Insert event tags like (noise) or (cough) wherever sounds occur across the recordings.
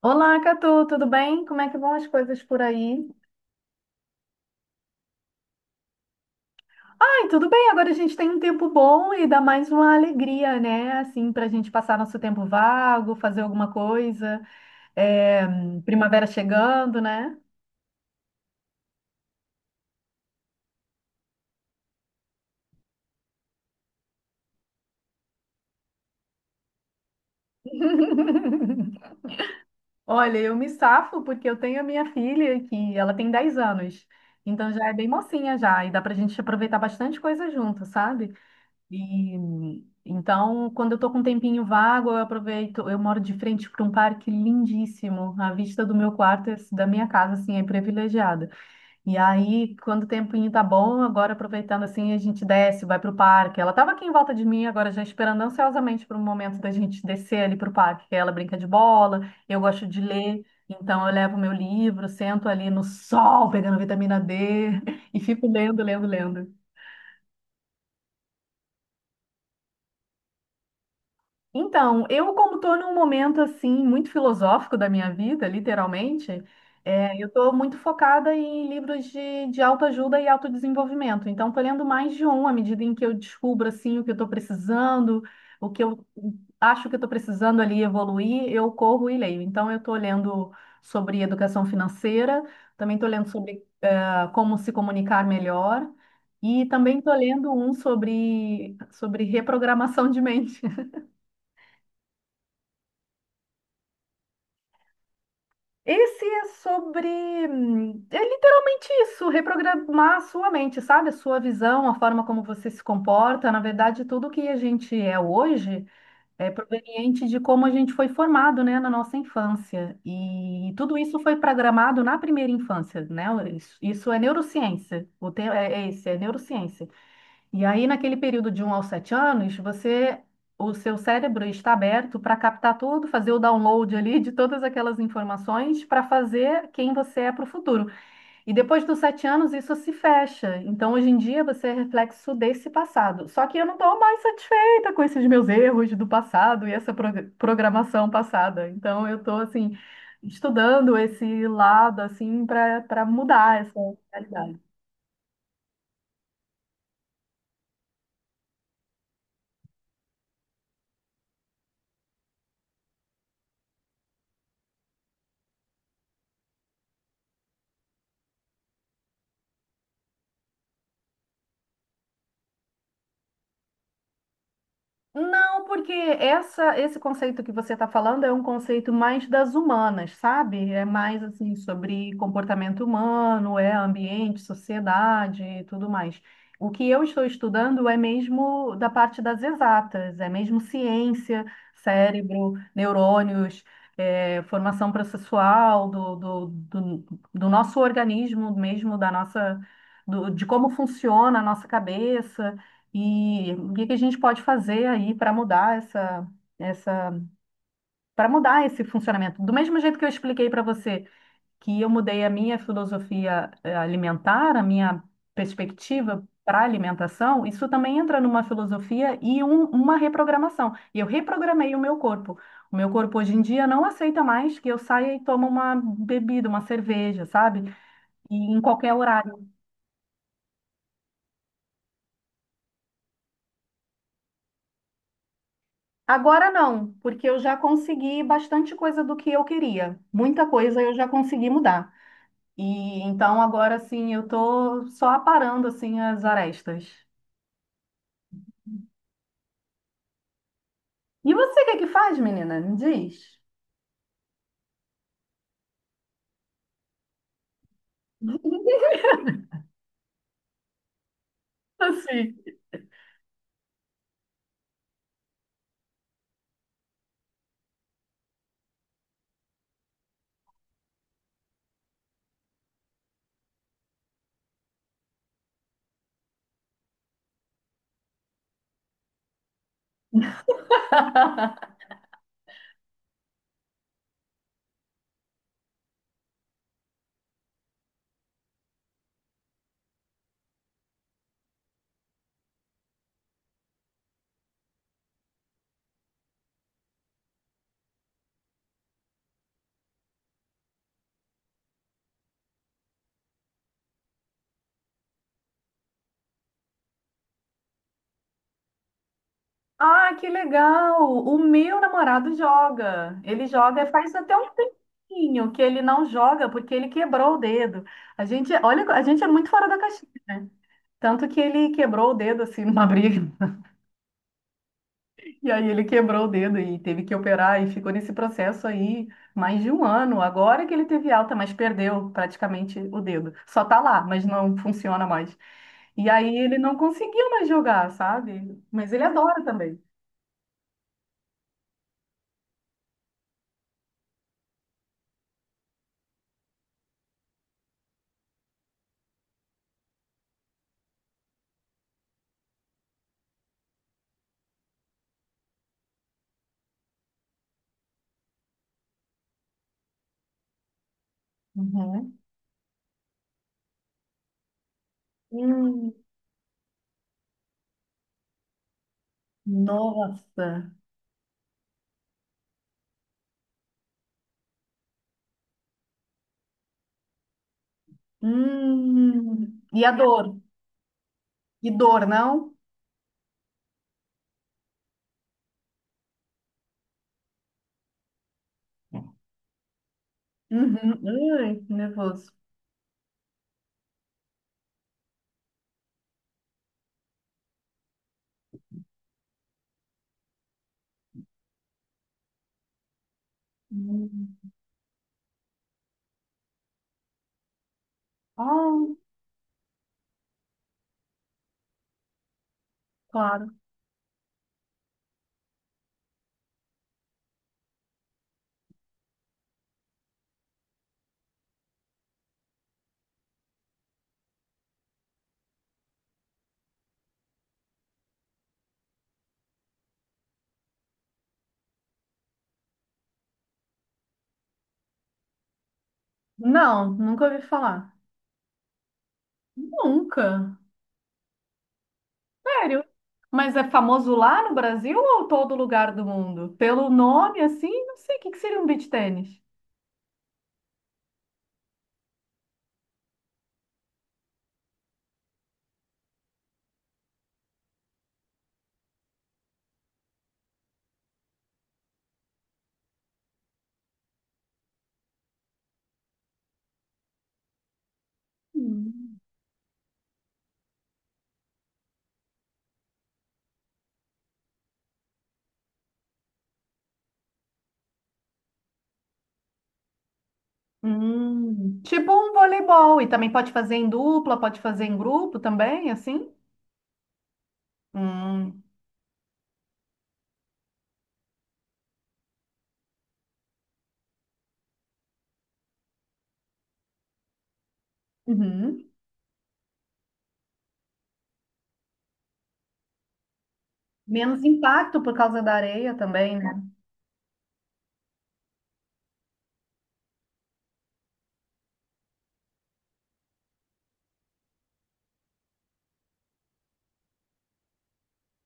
Olá, Catu, tudo bem? Como é que vão as coisas por aí? Ai, tudo bem, agora a gente tem um tempo bom e dá mais uma alegria, né? Assim, para a gente passar nosso tempo vago, fazer alguma coisa. É, primavera chegando, né? (laughs) Olha, eu me safo porque eu tenho a minha filha que ela tem 10 anos, então já é bem mocinha já, e dá pra gente aproveitar bastante coisa junto, sabe? E, então, quando eu tô com um tempinho vago, eu aproveito. Eu moro de frente para um parque lindíssimo. A vista do meu quarto, da minha casa, assim, é privilegiada. E aí, quando o tempinho tá bom, agora aproveitando assim, a gente desce, vai pro parque. Ela tava aqui em volta de mim, agora já esperando ansiosamente para o momento da gente descer ali pro parque, que ela brinca de bola, eu gosto de ler. Então eu levo meu livro, sento ali no sol, pegando vitamina D (laughs) e fico lendo, lendo, lendo. Então, eu como estou num momento assim muito filosófico da minha vida, literalmente, é, eu estou muito focada em livros de autoajuda e autodesenvolvimento. Então, estou lendo mais de um à medida em que eu descubro assim o que eu estou precisando, o que eu acho que eu estou precisando ali evoluir, eu corro e leio. Então, eu estou lendo sobre educação financeira, também estou lendo sobre como se comunicar melhor. E também estou lendo um sobre reprogramação de mente. Esse é sobre. É literalmente isso, reprogramar a sua mente, sabe? A sua visão, a forma como você se comporta. Na verdade, tudo que a gente é hoje é proveniente de como a gente foi formado, né, na nossa infância. E tudo isso foi programado na primeira infância, né? Isso é neurociência. O tema é esse, é neurociência. E aí, naquele período de 1 aos 7 anos, você, o seu cérebro está aberto para captar tudo, fazer o download ali de todas aquelas informações para fazer quem você é para o futuro. E depois dos 7 anos, isso se fecha. Então, hoje em dia, você é reflexo desse passado. Só que eu não estou mais satisfeita com esses meus erros do passado e essa programação passada. Então, eu estou, assim, estudando esse lado, assim, para mudar essa realidade. Não, porque essa, esse conceito que você está falando é um conceito mais das humanas, sabe? É mais assim sobre comportamento humano, é ambiente, sociedade e tudo mais. O que eu estou estudando é mesmo da parte das exatas, é mesmo ciência, cérebro, neurônios, é, formação processual do do nosso organismo mesmo, da nossa, de como funciona a nossa cabeça. E o que que a gente pode fazer aí essa, para mudar esse funcionamento? Do mesmo jeito que eu expliquei para você que eu mudei a minha filosofia alimentar, a minha perspectiva para alimentação, isso também entra numa filosofia e uma reprogramação. E eu reprogramei o meu corpo. O meu corpo hoje em dia não aceita mais que eu saia e tome uma bebida, uma cerveja, sabe? E em qualquer horário. Agora não, porque eu já consegui bastante coisa do que eu queria. Muita coisa eu já consegui mudar. E então agora sim eu tô só aparando assim as arestas. E você o que é que faz, menina? Me diz. (laughs) Assim. Ah, que legal! O meu namorado joga. Ele joga faz até um tempinho que ele não joga porque ele quebrou o dedo. A gente, olha, a gente é muito fora da caixinha, né? Tanto que ele quebrou o dedo assim (laughs) numa briga. E aí ele quebrou o dedo e teve que operar e ficou nesse processo aí mais de 1 ano. Agora que ele teve alta, mas perdeu praticamente o dedo. Só tá lá, mas não funciona mais. E aí ele não conseguiu mais jogar, sabe? Mas ele adora também. Uhum. Hum, nossa. Hum. E a dor? E dor, não? Uhum. Ai, nervoso. Hum. Ah, claro. Não, nunca ouvi falar. Nunca. Sério? Mas é famoso lá no Brasil ou todo lugar do mundo? Pelo nome, assim, não sei o que que seria um beach tênis. Hum. Tipo um voleibol, e também pode fazer em dupla, pode fazer em grupo também, assim? Hum, uhum. Menos impacto por causa da areia também, né?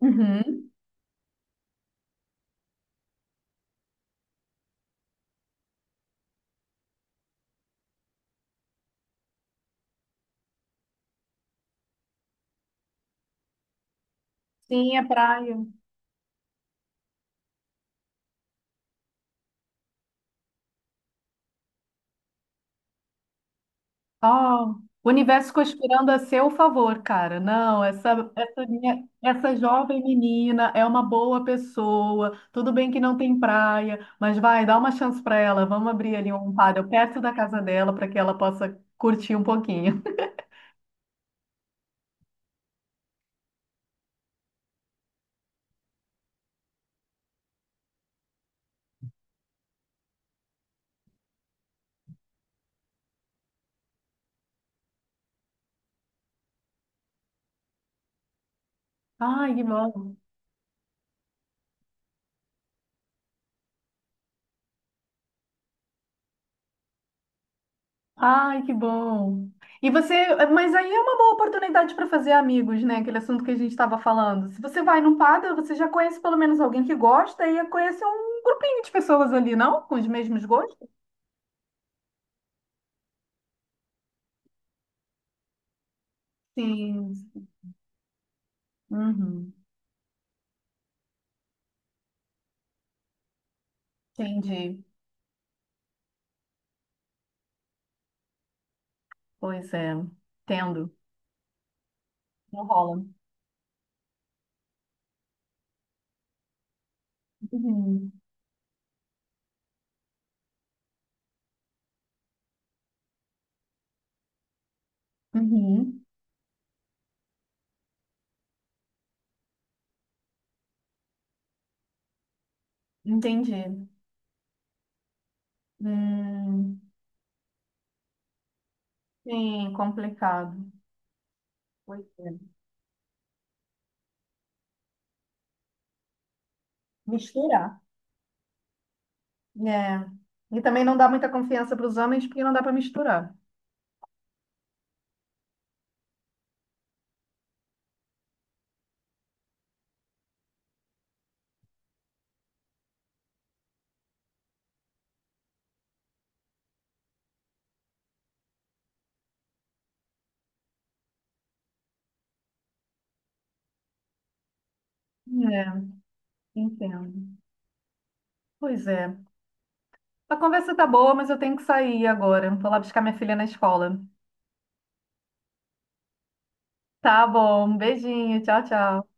Uhum. Sim, é praia. Ó, o universo conspirando a seu favor, cara. Não, essa minha, essa jovem menina é uma boa pessoa. Tudo bem que não tem praia, mas vai, dá uma chance pra ela. Vamos abrir ali um paddle perto da casa dela para que ela possa curtir um pouquinho. Ai, que bom. Ai, que bom. E você, mas aí é uma boa oportunidade para fazer amigos, né? Aquele assunto que a gente estava falando. Se você vai num paddle, você já conhece pelo menos alguém que gosta e conhece um grupinho de pessoas ali, não? Com os mesmos gostos. Sim. Uhum. Entendi. Pois é. Entendo. Não rola. Uhum. Uhum. Entendi. Hum. Sim, complicado. Pois é. Misturar. É. E também não dá muita confiança para os homens porque não dá para misturar. É, entendo. Pois é. A conversa tá boa, mas eu tenho que sair agora. Vou lá buscar minha filha na escola. Tá bom. Um beijinho. Tchau, tchau.